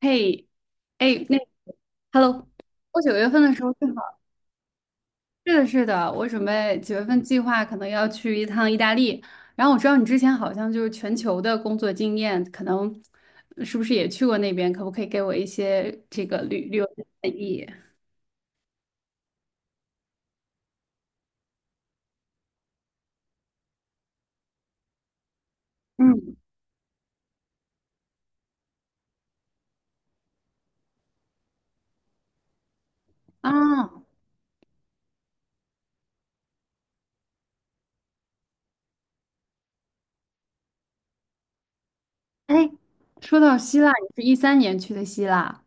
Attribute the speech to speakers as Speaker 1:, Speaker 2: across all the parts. Speaker 1: 嘿，哎，那 Hello，我九月份的时候正好，是的，是的，我准备九月份计划可能要去一趟意大利。然后我知道你之前好像就是全球的工作经验，可能是不是也去过那边？可不可以给我一些这个旅游的建议？嗯，啊，哎，说到希腊，你是一三年去的希腊。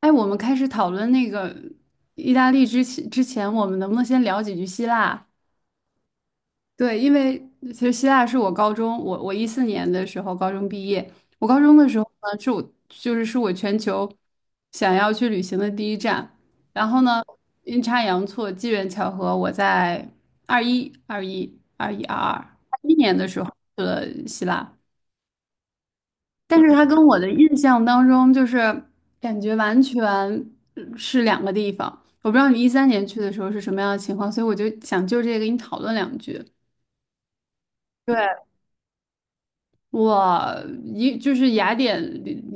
Speaker 1: 哎，我们开始讨论那个意大利之前，我们能不能先聊几句希腊？对，因为其实希腊是我高中，我14年的时候高中毕业。我高中的时候呢，是我就是是我全球想要去旅行的第一站。然后呢，阴差阳错，机缘巧合，我在二一、二一、二一、二二、21年的时候去了希腊，但是他跟我的印象当中就是感觉完全是两个地方。我不知道你一三年去的时候是什么样的情况，所以我就想就这个跟你讨论两句。对。我一就是雅典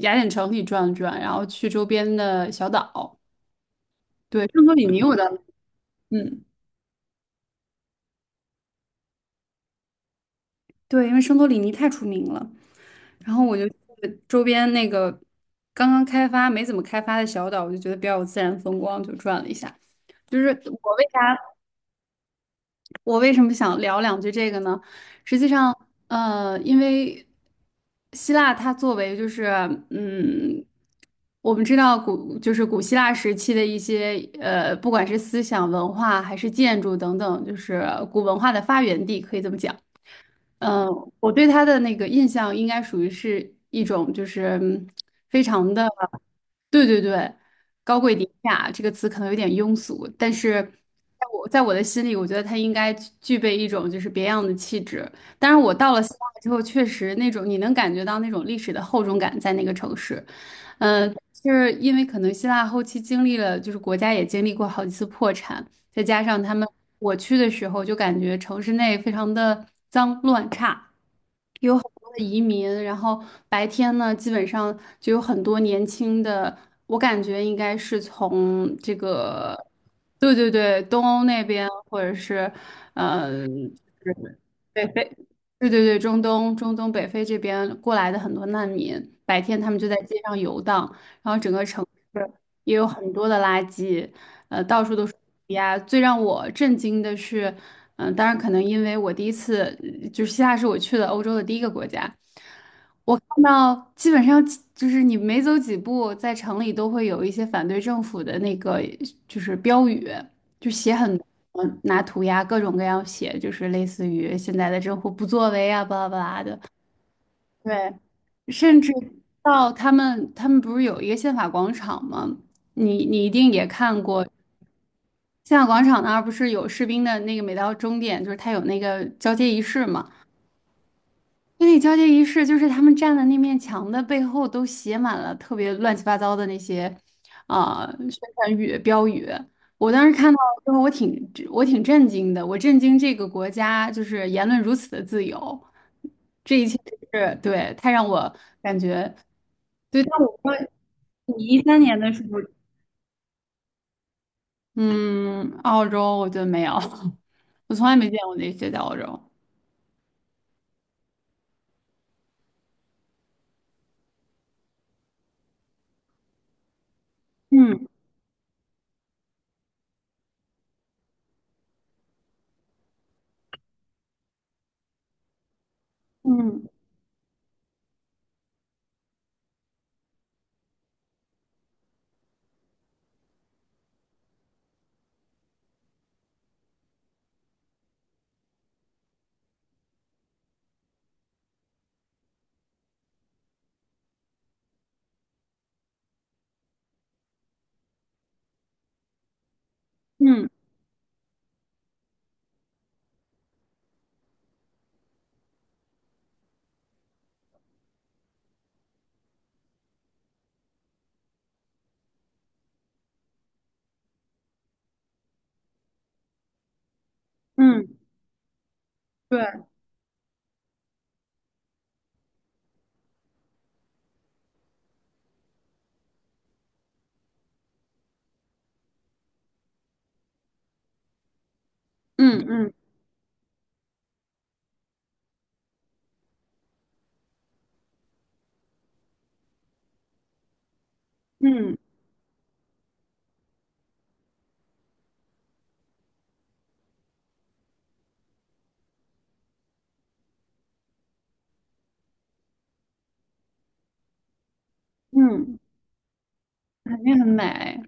Speaker 1: 雅典城里转了转，然后去周边的小岛。对，圣托里尼我倒，嗯，对，因为圣托里尼太出名了。然后我就去周边那个刚刚开发没怎么开发的小岛，我就觉得比较有自然风光，就转了一下。就是我为啥？我为什么想聊两句这个呢？实际上，因为希腊它作为就是，嗯，我们知道古就是古希腊时期的一些不管是思想文化还是建筑等等，就是古文化的发源地，可以这么讲。我对他的那个印象应该属于是一种，就是非常的，对对对，高贵典雅这个词可能有点庸俗，但是在我的心里，我觉得他应该具备一种就是别样的气质。但是我到了希腊之后，确实那种你能感觉到那种历史的厚重感在那个城市，嗯，就是因为可能希腊后期经历了，就是国家也经历过好几次破产，再加上他们我去的时候就感觉城市内非常的脏乱差，有很多的移民。然后白天呢，基本上就有很多年轻的，我感觉应该是从这个，对对对，东欧那边，或者是，嗯，就是北非，对对对，中东北非这边过来的很多难民，白天他们就在街上游荡，然后整个城市也有很多的垃圾，到处都是呀。最让我震惊的是，当然可能因为我第一次。就是希腊是我去的欧洲的第一个国家。我看到基本上就是你每走几步，在城里都会有一些反对政府的那个就是标语，就写很多，拿涂鸦各种各样写，就是类似于现在的政府不作为啊，巴拉巴拉的。对，甚至到他们不是有一个宪法广场吗？你一定也看过。宪法广场那儿不是有士兵的那个，每到终点就是他有那个交接仪式嘛，婚礼交接仪式就是他们站的那面墙的背后都写满了特别乱七八糟的那些，啊、宣传语标语。我当时看到之后，我挺震惊的，我震惊这个国家就是言论如此的自由，这一切真是，对，太让我感觉，对。但我说你一三年的时候，嗯，澳洲我觉得没有，我从来没见过那些在澳洲。嗯嗯嗯嗯，对，嗯嗯嗯嗯。肯定很美，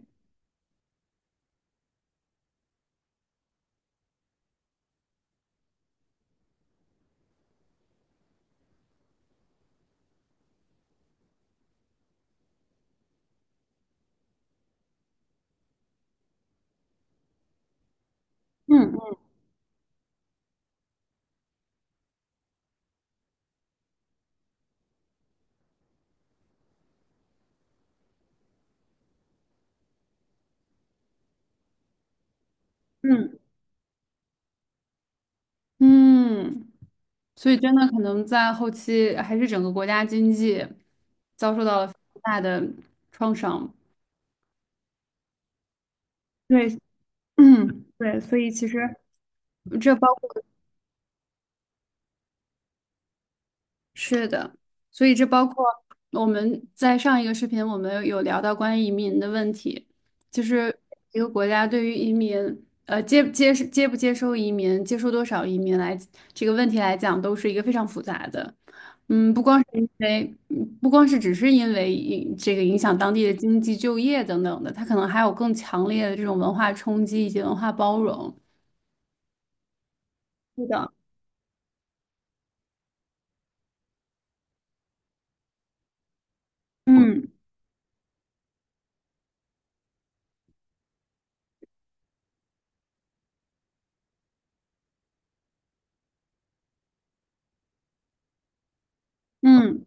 Speaker 1: 嗯嗯嗯，所以真的可能在后期还是整个国家经济遭受到了非常大的创伤。对，嗯，对，所以其实这包。是的，所以这包括我们在上一个视频，我们有聊到关于移民的问题，就是一个国家对于移民，接接接不接收移民，接收多少移民来这个问题来讲，都是一个非常复杂的。不光是因为，不光是只是因为影这个影响当地的经济、就业等等的，它可能还有更强烈的这种文化冲击以及文化包容。是的，嗯嗯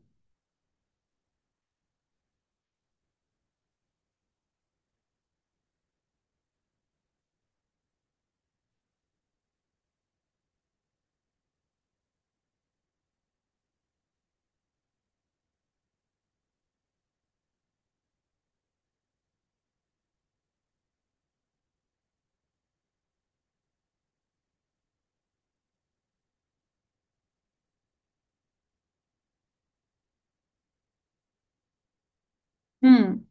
Speaker 1: 嗯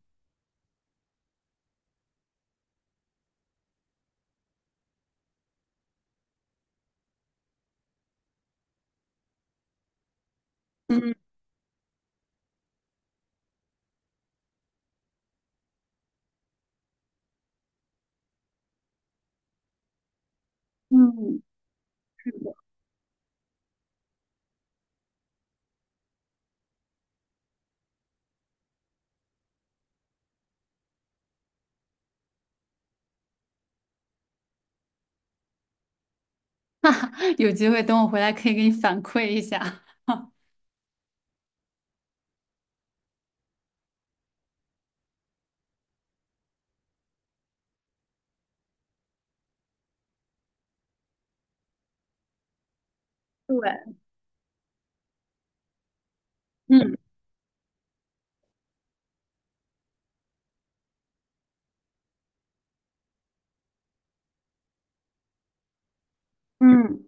Speaker 1: 嗯嗯。嗯 有机会等我回来可以给你反馈一下。对，嗯，嗯，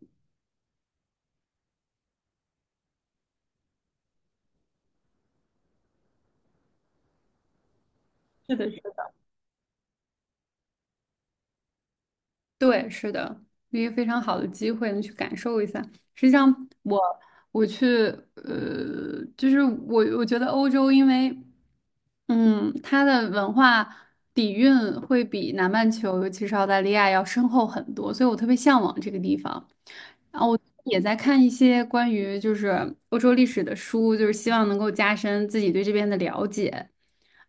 Speaker 1: 是的，是的，对，是的，一个非常好的机会，能去感受一下。实际上，我，我去，呃，就是我，我觉得欧洲，因为它的文化底蕴会比南半球，尤其是澳大利亚要深厚很多，所以我特别向往这个地方。然后我也在看一些关于就是欧洲历史的书，就是希望能够加深自己对这边的了解。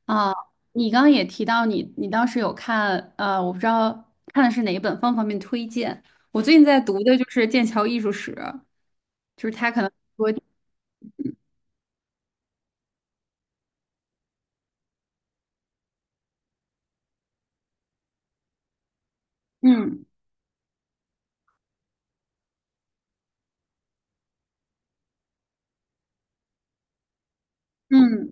Speaker 1: 啊，你刚刚也提到你当时有看，我不知道看的是哪一本，方不方便推荐？我最近在读的就是《剑桥艺术史》，就是它可能，嗯嗯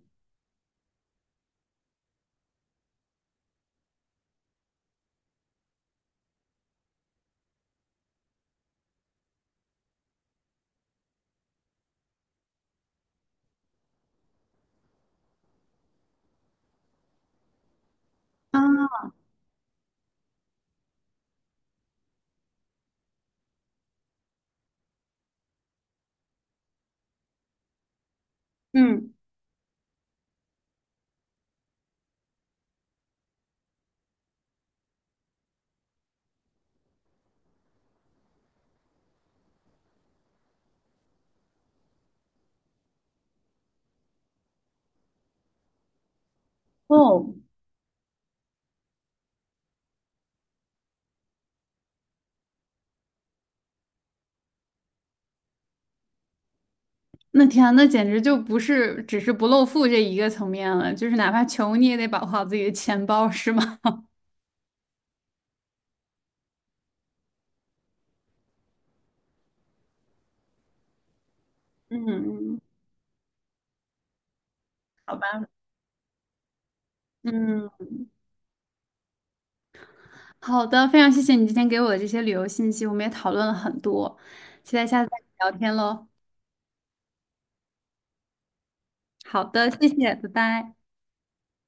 Speaker 1: 啊嗯哦。那天啊，那简直就不是只是不露富这一个层面了，就是哪怕穷你也得保护好自己的钱包，是吗？嗯嗯，好吧，嗯好的，非常谢谢你今天给我的这些旅游信息，我们也讨论了很多，期待下次再聊天喽。好的，谢谢，拜拜。